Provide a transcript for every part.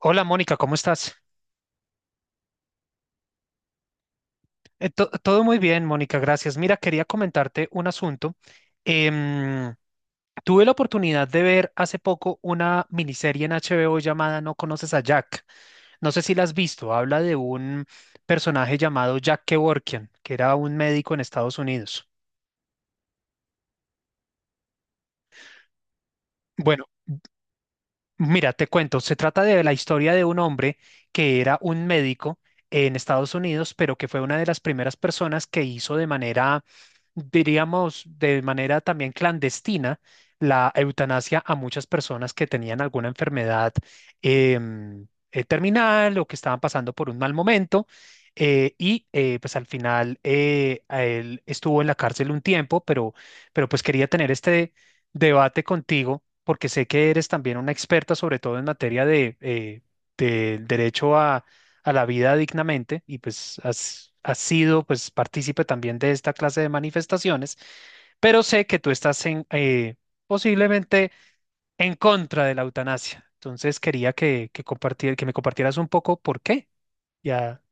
Hola Mónica, ¿cómo estás? Todo muy bien, Mónica, gracias. Mira, quería comentarte un asunto. Em, Tuve la oportunidad de ver hace poco una miniserie en HBO llamada No conoces a Jack. No sé si la has visto. Habla de un personaje llamado Jack Kevorkian, que era un médico en Estados Unidos. Bueno, mira, te cuento, se trata de la historia de un hombre que era un médico en Estados Unidos, pero que fue una de las primeras personas que hizo de manera, diríamos, de manera también clandestina la eutanasia a muchas personas que tenían alguna enfermedad em, terminal o que estaban pasando por un mal momento. Pues al final a él estuvo en la cárcel un tiempo, pero pues quería tener este debate contigo, porque sé que eres también una experta, sobre todo en materia de, del derecho a la vida dignamente, y pues has sido pues partícipe también de esta clase de manifestaciones, pero sé que tú estás en, posiblemente en contra de la eutanasia. Entonces quería que, compartir, que me compartieras un poco por qué. Ya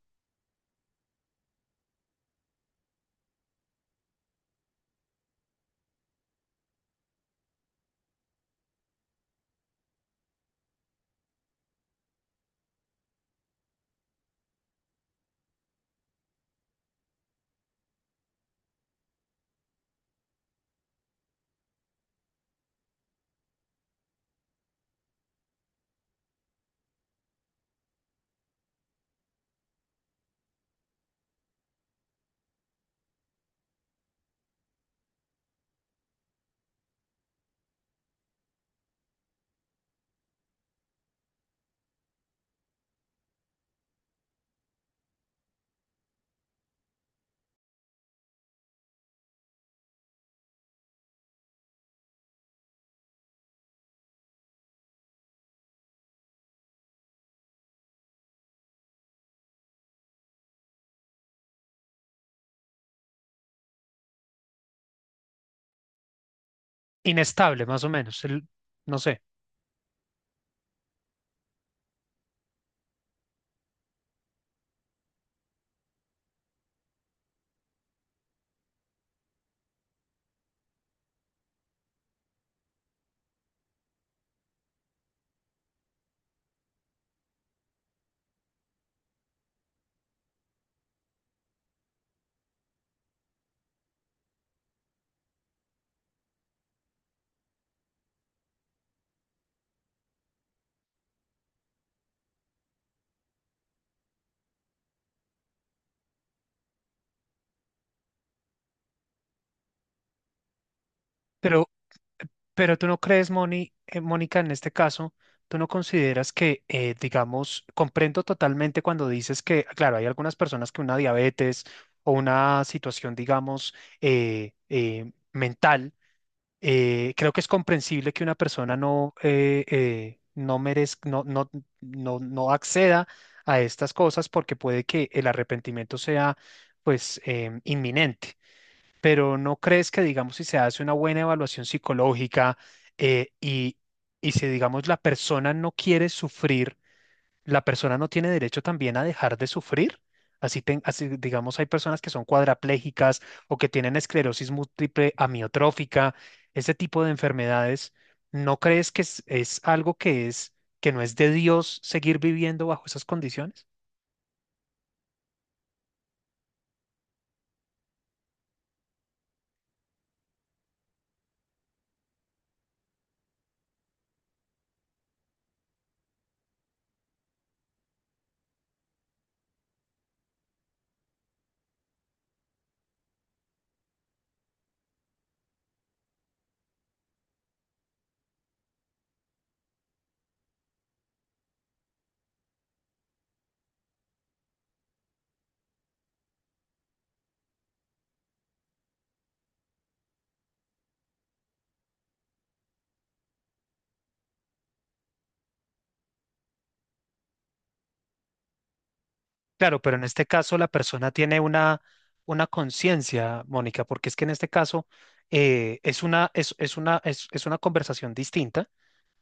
inestable, más o menos, el- no sé, pero Pero tú no crees, Moni, Mónica, en este caso, tú no consideras que, digamos, comprendo totalmente cuando dices que, claro, hay algunas personas que una diabetes o una situación, digamos, mental, creo que es comprensible que una persona no, no merezca, no, no, no, no acceda a estas cosas porque puede que el arrepentimiento sea, pues, inminente, pero ¿no crees que, digamos, si se hace una buena evaluación psicológica eh, y, y si, digamos, la persona no quiere sufrir, la persona no tiene derecho también a dejar de sufrir? Así, ten- así, digamos, hay personas que son cuadraplégicas o que tienen esclerosis múltiple amiotrófica, ese tipo de enfermedades. ¿No crees que es algo que es, que no es de Dios seguir viviendo bajo esas condiciones? Claro, pero en este caso la persona tiene una conciencia, Mónica, porque es que en este caso es una, es una, es una conversación distinta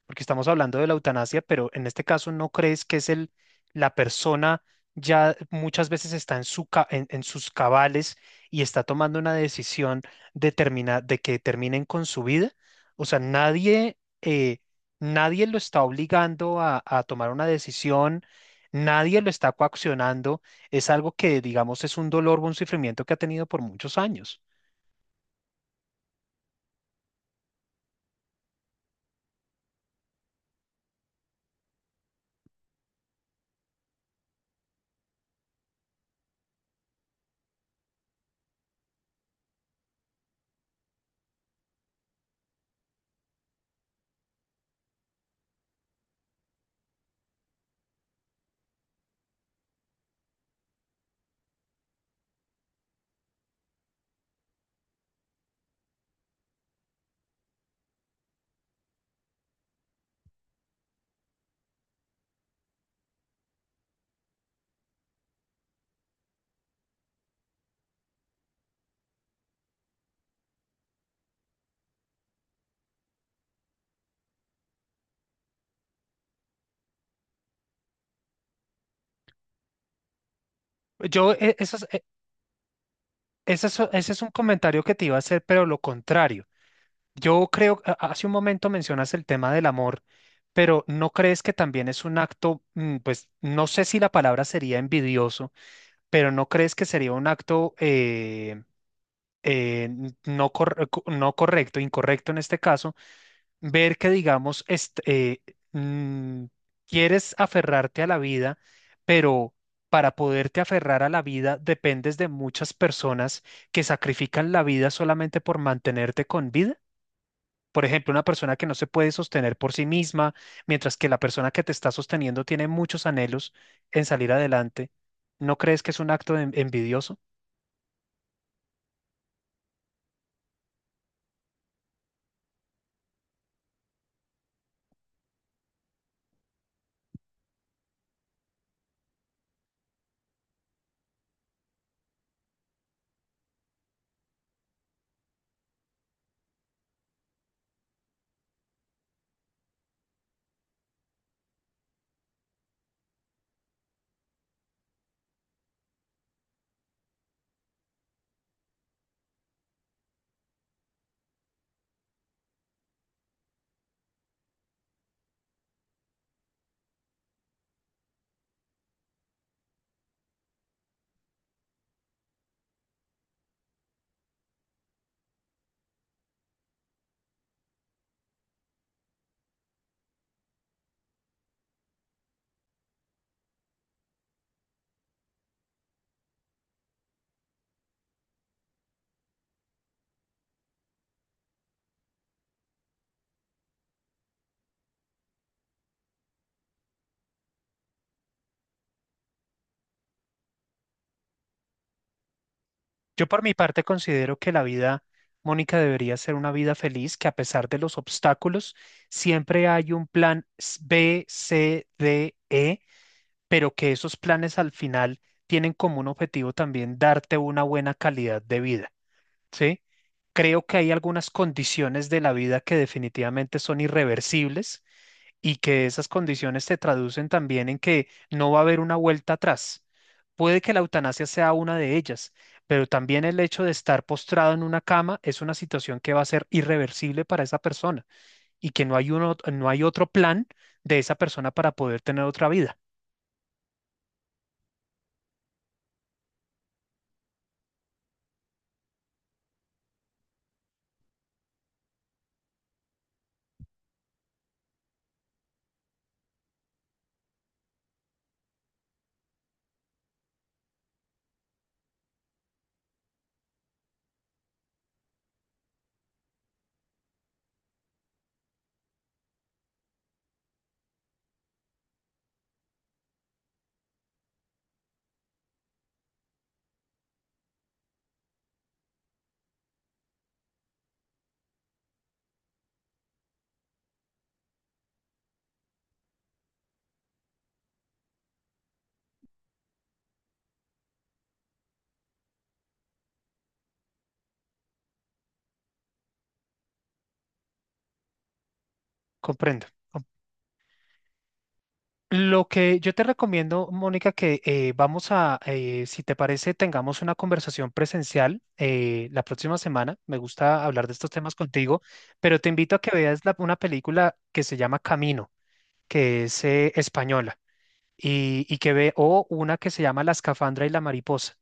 porque estamos hablando de la eutanasia, pero en este caso no crees que es el, la persona ya muchas veces está en, su, ca- en sus cabales y está tomando una decisión de, termina- de que terminen con su vida. O sea, nadie, nadie lo está obligando a tomar una decisión, nadie lo está coaccionando. Es algo que, digamos, es un dolor o un sufrimiento que ha tenido por muchos años. Yo, eh, esas- eh, Ese es ese es un comentario que te iba a hacer, pero lo contrario. Yo creo, a- hace un momento mencionas el tema del amor, pero ¿no crees que también es un acto, mm, pues no sé si la palabra sería envidioso, pero ¿no crees que sería un acto n- no, corre- co- no correcto, incorrecto en este caso, ver que, digamos, est- mm, quieres aferrarte a la vida, pero para poderte aferrar a la vida dependes de muchas personas que sacrifican la vida solamente por mantenerte con vida? Por ejemplo, una persona que no se puede sostener por sí misma, mientras que la persona que te está sosteniendo tiene muchos anhelos en salir adelante, ¿no crees que es un acto en- envidioso? Yo por mi parte considero que la vida, Mónica, debería ser una vida feliz, que a pesar de los obstáculos, siempre hay un plan s- B, C, D, E, pero que esos planes al final tienen como un objetivo también darte una buena calidad de vida. ¿Sí? Creo que hay algunas condiciones de la vida que definitivamente son irreversibles y que esas condiciones se traducen también en que no va a haber una vuelta atrás. Puede que la eutanasia sea una de ellas, pero también el hecho de estar postrado en una cama es una situación que va a ser irreversible para esa persona y que no hay uno, no hay otro plan de esa persona para poder tener otra vida. Comprendo, lo que yo te recomiendo, Mónica, que vamos a, si te parece, tengamos una conversación presencial la próxima semana. Me gusta hablar de estos temas contigo, pero te invito a que veas la- una película que se llama Camino, que es española, y que ve, o una que se llama La escafandra y la mariposa.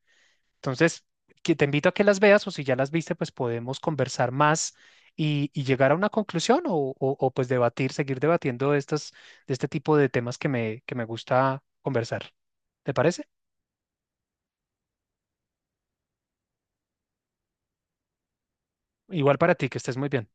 Entonces, que te invito a que las veas o si ya las viste, pues podemos conversar más y llegar a una conclusión o, pues debatir, seguir debatiendo de estas, de este tipo de temas que me gusta conversar. ¿Te parece? Igual para ti, que estés muy bien.